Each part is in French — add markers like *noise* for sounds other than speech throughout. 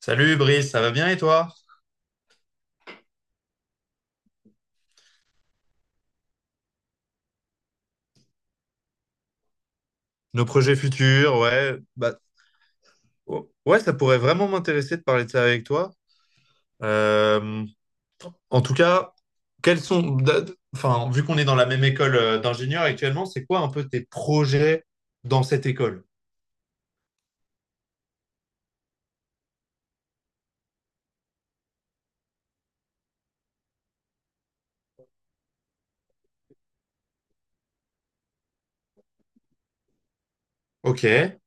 Salut Brice, ça va bien et toi? Nos projets futurs, ouais, bah, ouais, ça pourrait vraiment m'intéresser de parler de ça avec toi. Euh, En tout cas, quels sont, enfin, vu qu'on est dans la même école d'ingénieurs actuellement, c'est quoi un peu tes projets dans cette école? Ok, ouais,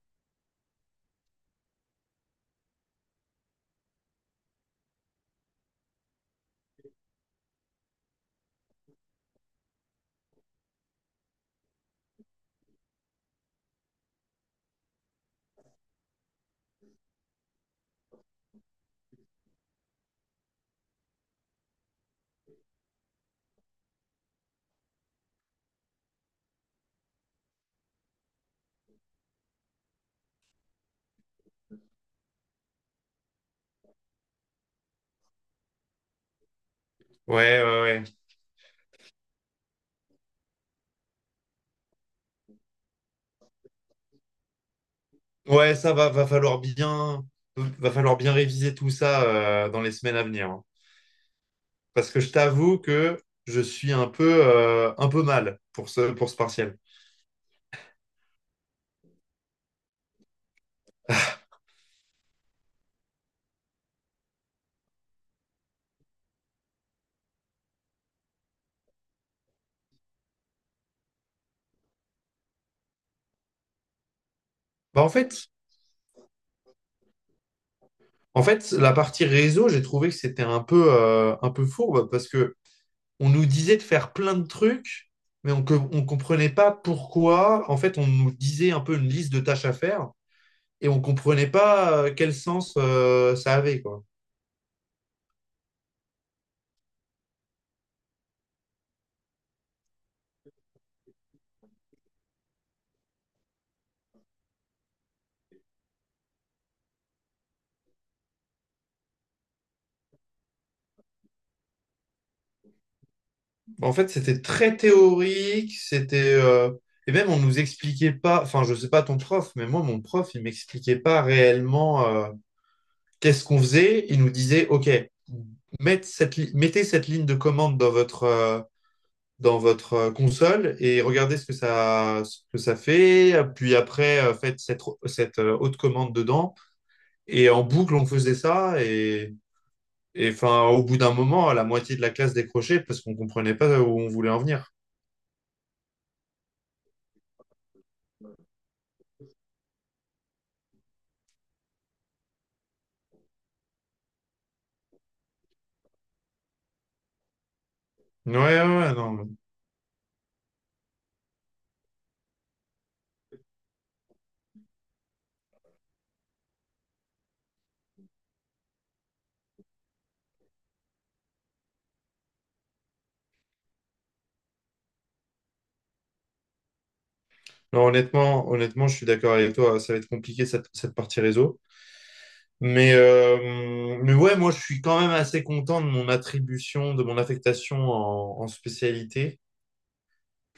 ouais, ouais, ouais, ça va, va falloir bien réviser tout ça dans les semaines à venir, hein. Parce que je t'avoue que je suis un peu mal pour pour ce partiel. Bah en fait, En fait, la partie réseau, j'ai trouvé que c'était un peu fourbe parce que on nous disait de faire plein de trucs, mais on ne comprenait pas pourquoi. En fait, on nous disait un peu une liste de tâches à faire et on ne comprenait pas quel sens ça avait, quoi. En fait, c'était très théorique, c'était et même on nous expliquait pas. Enfin, je sais pas ton prof, mais moi, mon prof, il m'expliquait pas réellement qu'est-ce qu'on faisait. Il nous disait, OK, mettez cette ligne de commande dans votre console et regardez ce que ça fait. Puis après, faites cette haute commande dedans. Et en boucle, on faisait ça. Et enfin, au bout d'un moment, la moitié de la classe décrochait parce qu'on comprenait pas où on voulait en venir. Ouais, ouais, ouais, non. Non, honnêtement, honnêtement, je suis d'accord avec toi. Ça va être compliqué cette, cette partie réseau. Mais ouais, moi, je suis quand même assez content de mon attribution, de mon affectation en, en spécialité.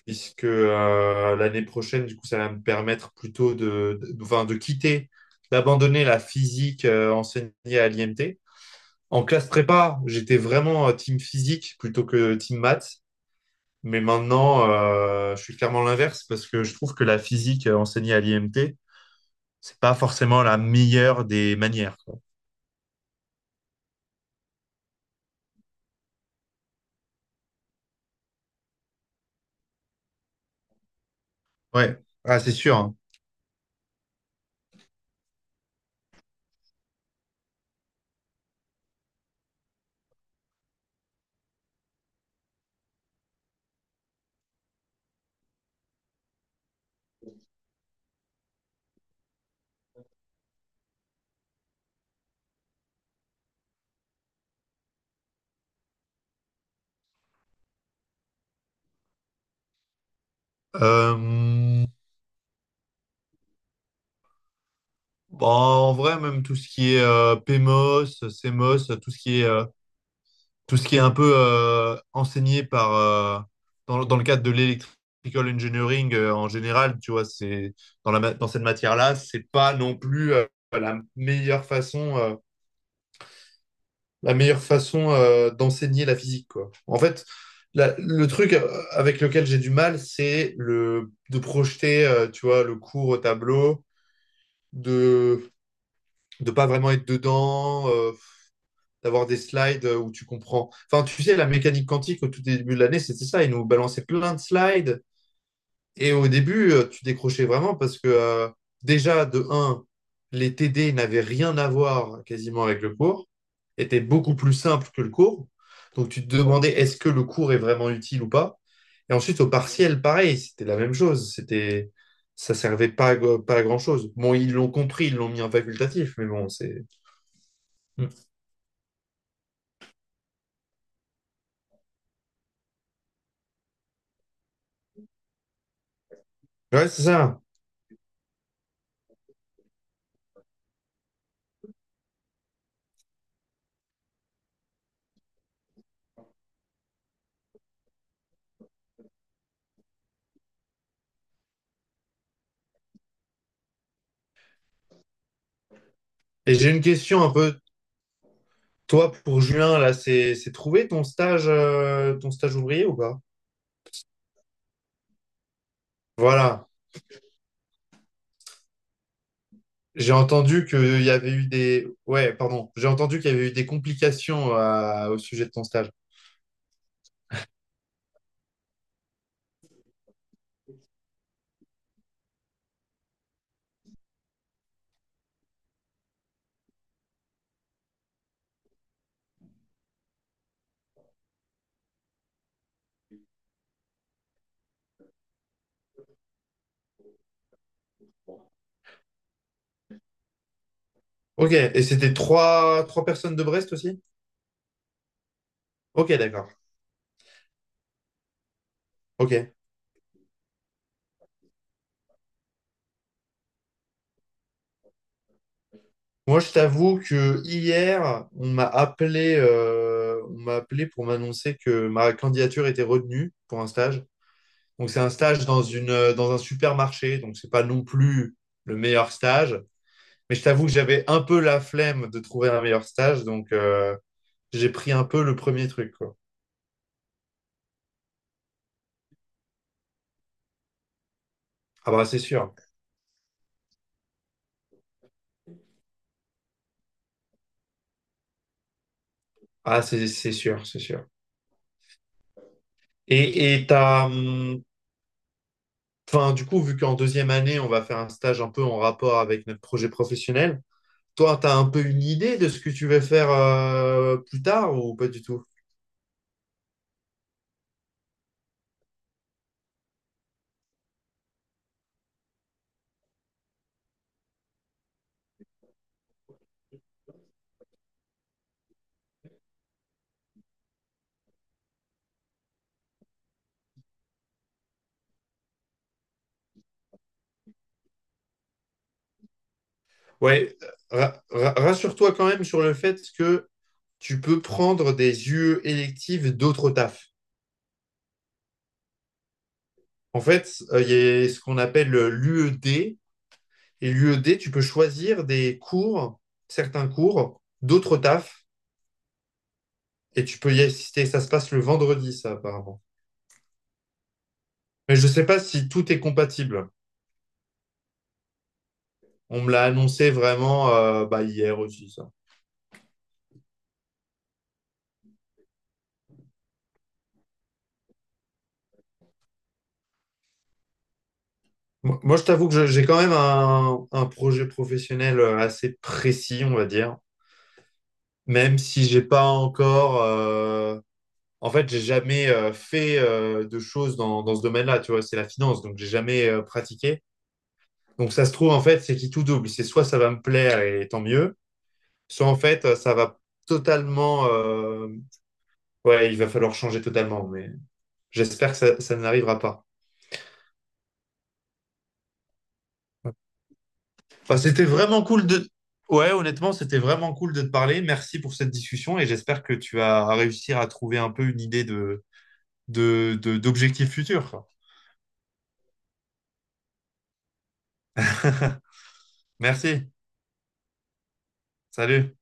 Puisque l'année prochaine, du coup, ça va me permettre plutôt de, enfin, de quitter, d'abandonner la physique enseignée à l'IMT. En classe prépa, j'étais vraiment team physique plutôt que team maths, mais maintenant, je suis clairement l'inverse parce que je trouve que la physique enseignée à l'IMT, c'est pas forcément la meilleure des manières, quoi. Ouais, ah, c'est sûr, hein. Euh, bon, en vrai, même tout ce qui est PMOS, CMOS, tout ce qui est tout ce qui est un peu enseigné par, dans, dans le cadre de l'electrical engineering en général, tu vois, c'est, dans, la, dans cette matière-là, c'est pas non plus la meilleure façon, euh, la meilleure façon d'enseigner la physique, quoi. En fait, le truc avec lequel j'ai du mal, c'est le, de projeter, tu vois, le cours au tableau, de ne pas vraiment être dedans. D'avoir des slides où tu comprends. Enfin, tu sais, la mécanique quantique au tout début de l'année, c'était ça. Ils nous balançaient plein de slides. Et au début, tu décrochais vraiment parce que déjà, de un, les TD n'avaient rien à voir quasiment avec le cours, étaient beaucoup plus simples que le cours. Donc tu te demandais est-ce que le cours est vraiment utile ou pas. Et ensuite, au partiel, pareil, c'était la même chose. C'était… Ça servait pas à, pas à grand-chose. Bon, ils l'ont compris, ils l'ont mis en facultatif, mais bon, c'est… Mm. Ouais, c'est ça. Et j'ai une question un peu. Toi, pour juin, là, c'est trouvé ton stage ouvrier ou pas? Voilà. J'ai entendu qu'il y avait eu des… Ouais, pardon. J'ai entendu qu'il y avait eu des complications au sujet de ton stage. Ok. Et c'était trois, trois personnes de Brest aussi? Ok, d'accord. Ok. Moi, je t'avoue que hier, on m'a appelé pour m'annoncer que ma candidature était retenue pour un stage. Donc, c'est un stage dans une, dans un supermarché. Donc, c'est pas non plus le meilleur stage. Mais je t'avoue que j'avais un peu la flemme de trouver un meilleur stage. Donc, j'ai pris un peu le premier truc, quoi. Ah, bah, c'est sûr. Ah, c'est sûr, c'est sûr. Et t'as, enfin, du coup, vu qu'en deuxième année, on va faire un stage un peu en rapport avec notre projet professionnel, toi, t'as un peu une idée de ce que tu veux faire plus tard ou pas du tout? Ouais, rassure-toi quand même sur le fait que tu peux prendre des UE électives d'autres tafs. En fait, il y a ce qu'on appelle l'UED. Et l'UED, tu peux choisir des cours, certains cours, d'autres tafs, et tu peux y assister. Ça se passe le vendredi, ça, apparemment. Mais je ne sais pas si tout est compatible. On me l'a annoncé vraiment bah, hier aussi, ça. Je t'avoue que j'ai quand même un projet professionnel assez précis, on va dire. Même si j'ai pas encore en fait, j'ai jamais fait de choses dans, dans ce domaine-là, tu vois, c'est la finance, donc j'ai jamais pratiqué. Donc ça se trouve, en fait, c'est qui tout double. C'est soit ça va me plaire et tant mieux, soit en fait, ça va totalement… Ouais, il va falloir changer totalement, mais j'espère que ça n'arrivera pas. Enfin, c'était vraiment cool de… Ouais, honnêtement, c'était vraiment cool de te parler. Merci pour cette discussion et j'espère que tu vas réussir à trouver un peu une idée de, d'objectifs futurs, quoi. *laughs* Merci. Salut.